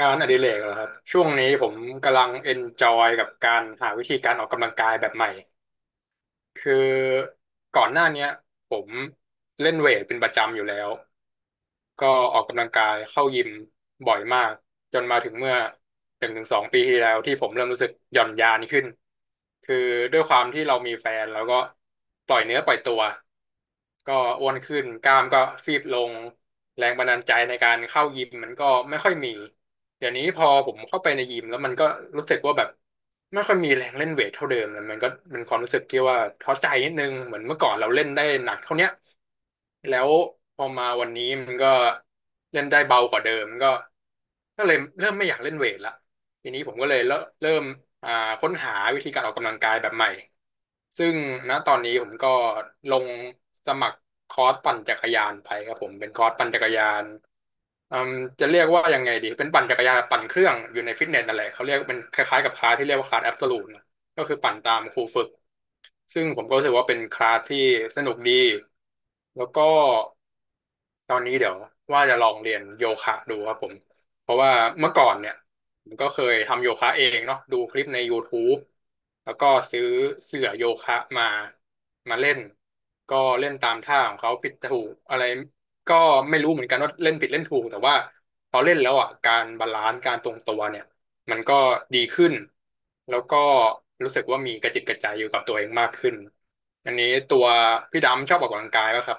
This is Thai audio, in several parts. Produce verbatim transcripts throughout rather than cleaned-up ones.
งานอดิเรกเหรอครับช่วงนี้ผมกำลังเอนจอยกับการหาวิธีการออกกำลังกายแบบใหม่คือก่อนหน้าเนี้ยผมเล่นเวทเป็นประจำอยู่แล้วก็ออกกำลังกายเข้ายิมบ่อยมากจนมาถึงเมื่อหนึ่งถึงสองปีที่แล้วที่ผมเริ่มรู้สึกหย่อนยานขึ้นคือด้วยความที่เรามีแฟนแล้วก็ปล่อยเนื้อปล่อยตัว ก็อ้วนขึ้นกล้ามก็ฟีบลงแรงบันดาลใจในการเข้ายิมมันก็ไม่ค่อยมีเดี๋ยวนี้พอผมเข้าไปในยิมแล้วมันก็รู้สึกว่าแบบไม่ค่อยมีแรงเล่นเวทเท่าเดิมแล้วมันก็เป็นความรู้สึกที่ว่าท้อใจนิดนึงเหมือนเมื่อก่อนเราเล่นได้หนักเท่าเนี้ยแล้วพอมาวันนี้มันก็เล่นได้เบากว่าเดิมก็ก็เลยเริ่มไม่อยากเล่นเวทละ ทีนี้ผมก็เลยเริ่มเริ่มอ่าค้นหาวิธีการออกกำลังกายแบบใหม่ซึ่งณตอนนี้ผมก็ลงสมัครคอร์สปั่นจักรยานไปครับผมเป็นคอร์สปั่นจักรยานอืมจะเรียกว่ายังไงดีเป็นปั่นจักรยานแบบปั่นเครื่องอยู่ในฟิตเนสนั่นแหละเขาเรียกเป็นคล้ายๆกับคลาสที่เรียกว่าคลาสแอบโซลูทนะก็คือปั่นตามครูฝึกซึ่งผมก็รู้สึกว่าเป็นคลาสที่สนุกดีแล้วก็ตอนนี้เดี๋ยวว่าจะลองเรียนโยคะดูครับผม เพราะว่าเมื่อก่อนเนี่ยผมก็เคยทำโยคะเองเนาะดูคลิปใน YouTube แล้วก็ซื้อเสื่อโยคะมามาเล่นก็เล่นตามท่าของเขาผิดถูกอะไรก็ไม่รู้เหมือนกันว่าเล่นผิดเล่นถูกแต่ว่าพอเล่นแล้วอ่ะการบาลานซ์การทรงตัวเนี่ยมันก็ดีขึ้นแล้วก็รู้สึกว่ามีกระจิตกระใจอยู่กับตัวเองมากขึ้นอันนี้ตัวพี่ดำชอบออกกำลังกายป่ะครับ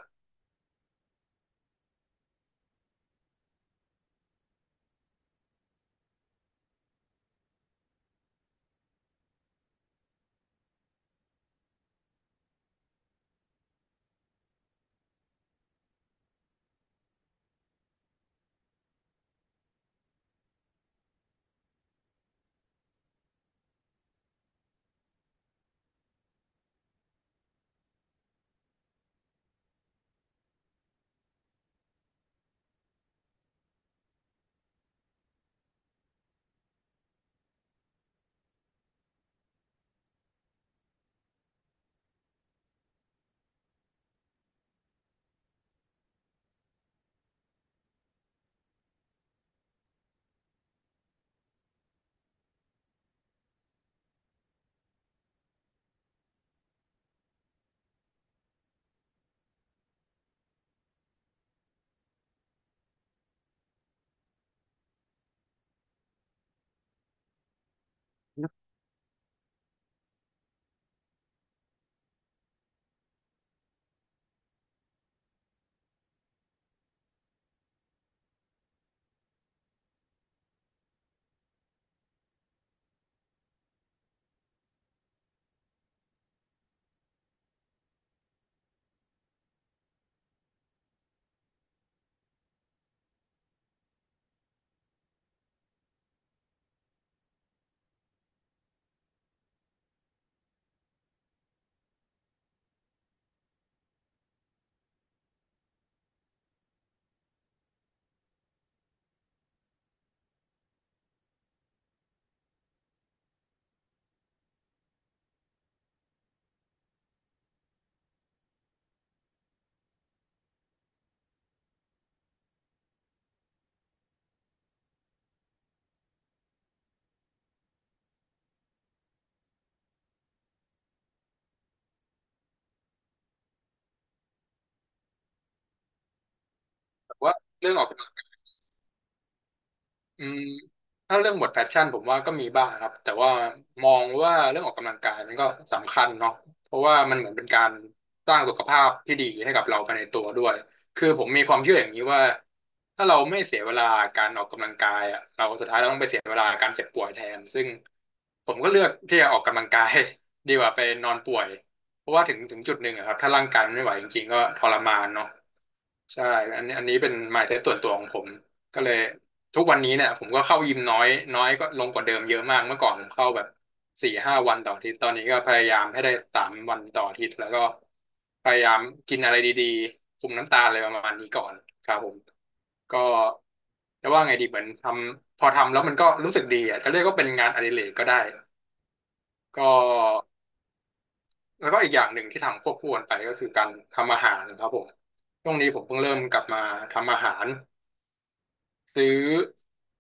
แต่ว่าเรื่องออก อืมถ้าเรื่องหมดแพชชั่นผมว่าก็มีบ้างครับแต่ว่ามองว่าเรื่องออกกำลังกายมันก็สำคัญเนาะเพราะว่ามันเหมือนเป็นการสร้างสุขภาพที่ดีให้กับเราภายในตัวด้วยคือผมมีความเชื่ออย่างนี้ว่าถ้าเราไม่เสียเวลาการออกกำลังกายอะเราสุดท้ายเราต้องไปเสียเวลาการเจ็บป่วยแทนซึ่งผมก็เลือกที่จะออกกำลังกาย ดีกว่าไปนอนป่วยเพราะว่าถึงถึงจุดหนึ่งอะครับถ้าร่างกายมันไม่ไหวจริงๆก็ทรมานเนาะ ใช่อันนี้อันนี้เป็น mindset ส่วนตัวของผม ก็เลยทุกวันนี้เนี่ยผมก็เข้ายิมน้อย น้อยก็ลงกว่าเดิมเยอะมากเมื่อก่อนผมเข้าแบบสี่ห้าวันต่ออาทิตย์ตอนนี้ก็พยายามให้ได้สามวันต่ออาทิตย์แล้วก็พยายามกินอะไรดีๆคุมน้ำตาลอะไรประมาณนี้ก่อนครับผมก็จะว่าไงดีเหมือนทำพอทำแล้วมันก็รู้สึกดีอ่ะจะเรียกว่าเป็นงานอดิเรกก็ได้ก็แล้วก็อีกอย่างหนึ่งที่ทำควบคู่กันไปก็คือการทำอาหารนะครับผมช่วงนี้ผมเพิ่งเริ่มกลับมาทำอาหาร ซื้อ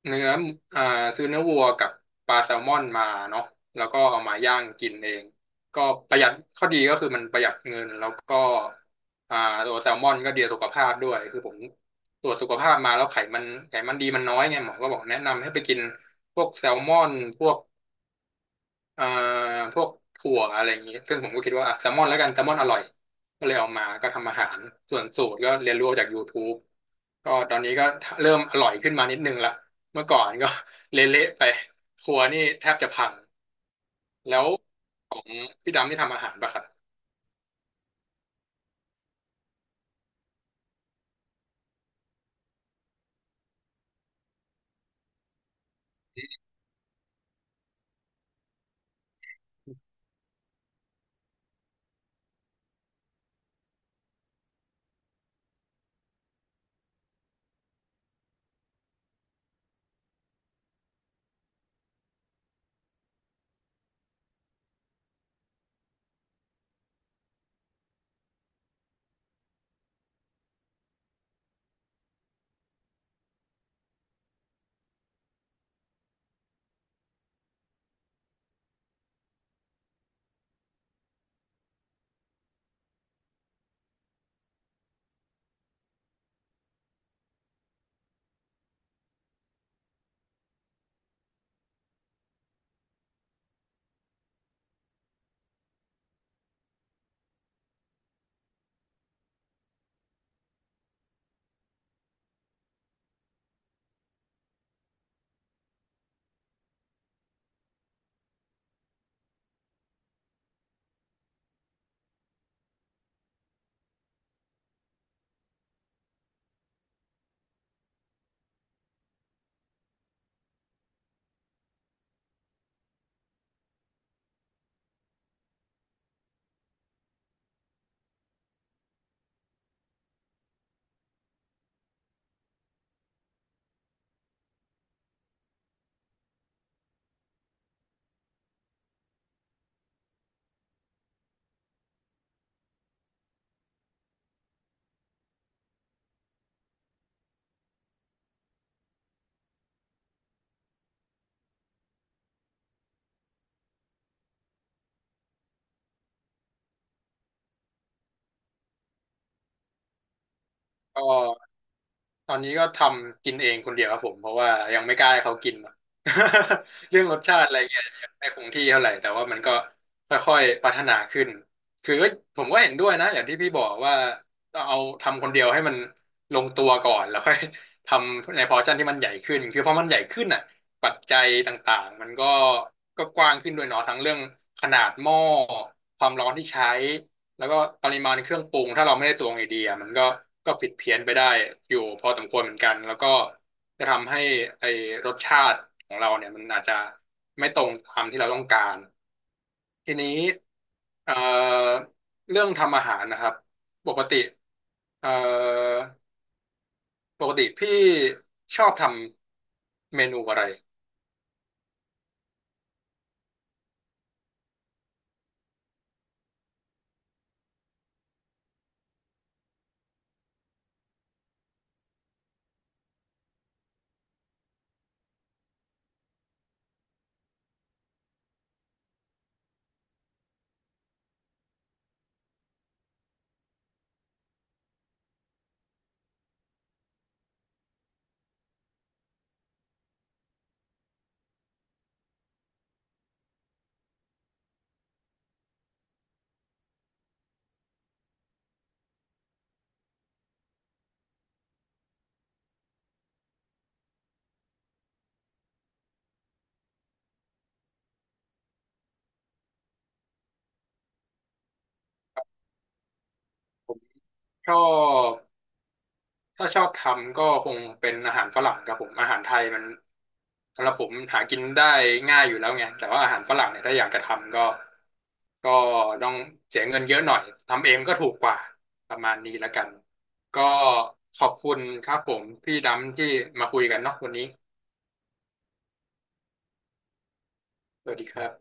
เนื้ออ่าซื้อเนื้อวัวกับปลาแซลมอนมาเนาะแล้วก็เอามาย่างกินเองก็ประหยัดข้อดีก็คือมันประหยัดเงินแล้วก็อ่าตัวแซลมอนก็ดีต่อสุขภาพด้วยคือผมตรวจสุขภาพมาแล้วไขมันไขมันดีมันน้อยไงหมอก็บอกแนะนำให้ไปกินพวกแซลมอนพวก เอ่อพวกถั่วอะไรอย่างนี้ซึ่งผมก็คิดว่าอ่ะแซลมอนแล้วกันแซลมอนอร่อยก็เลยเอามาก็ทำอาหารส่วนสูตรก็เรียนรู้จาก YouTube ก็ตอนนี้ก็เริ่มอร่อยขึ้นมานิดนึงละเมื่อก่อนก็ เละๆไปครัวนี่แทบจะพังแล้วของพี่ดำที่ทำอาหารปะครับก็ ตอนนี้ก็ทำกินเองคนเดียวครับผมเพราะว่ายังไม่กล้าให้เขากิน เรื่องรสชาติอะไรเงี้ยยังไม่คงที่เท่าไหร่แต่ว่ามันก็ค่อยๆพัฒนาขึ้นคือก็ผมก็เห็นด้วยนะอย่างที่พี่บอกว่าต้องเอาทำคนเดียวให้มันลงตัวก่อนแล้วค่อยทำในพอร์ชั่นที่มันใหญ่ขึ้นคือพอมันใหญ่ขึ้นอ่ะปัจจัยต่างๆมันก็ก็กว้างขึ้นด้วยเนาะทั้งเรื่องขนาดหม้อความร้อนที่ใช้ แล้วก็ปริมาณเครื่องปรุงถ้าเราไม่ได้ตวงไอเดียมันก็ก็ผิดเพี้ยนไปได้อยู่พอสมควรเหมือนกันแล้วก็จะทำให้ไอรสชาติของเราเนี่ยมันอาจจะไม่ตรงตามที่เราต้องการทีนี้เอ่อเรื่องทำอาหารนะครับปกติเอ่อปกติพี่ชอบทำเมนูอะไรผมชอบ ถ้าชอบทำก็คงเป็นอาหารฝรั่งครับผมอาหารไทยมันสำหรับผมหากินได้ง่ายอยู่แล้วไงแต่ว่าอาหารฝรั่งเนี่ยถ้าอยากจะทำก็ก็ต้องเสียเงินเยอะหน่อยทำเองก็ถูกกว่าประมาณนี้แล้วกันก็ขอบคุณครับผมพี่ดำที่มาคุยกันเนาะวันนี้สวัสดีครับ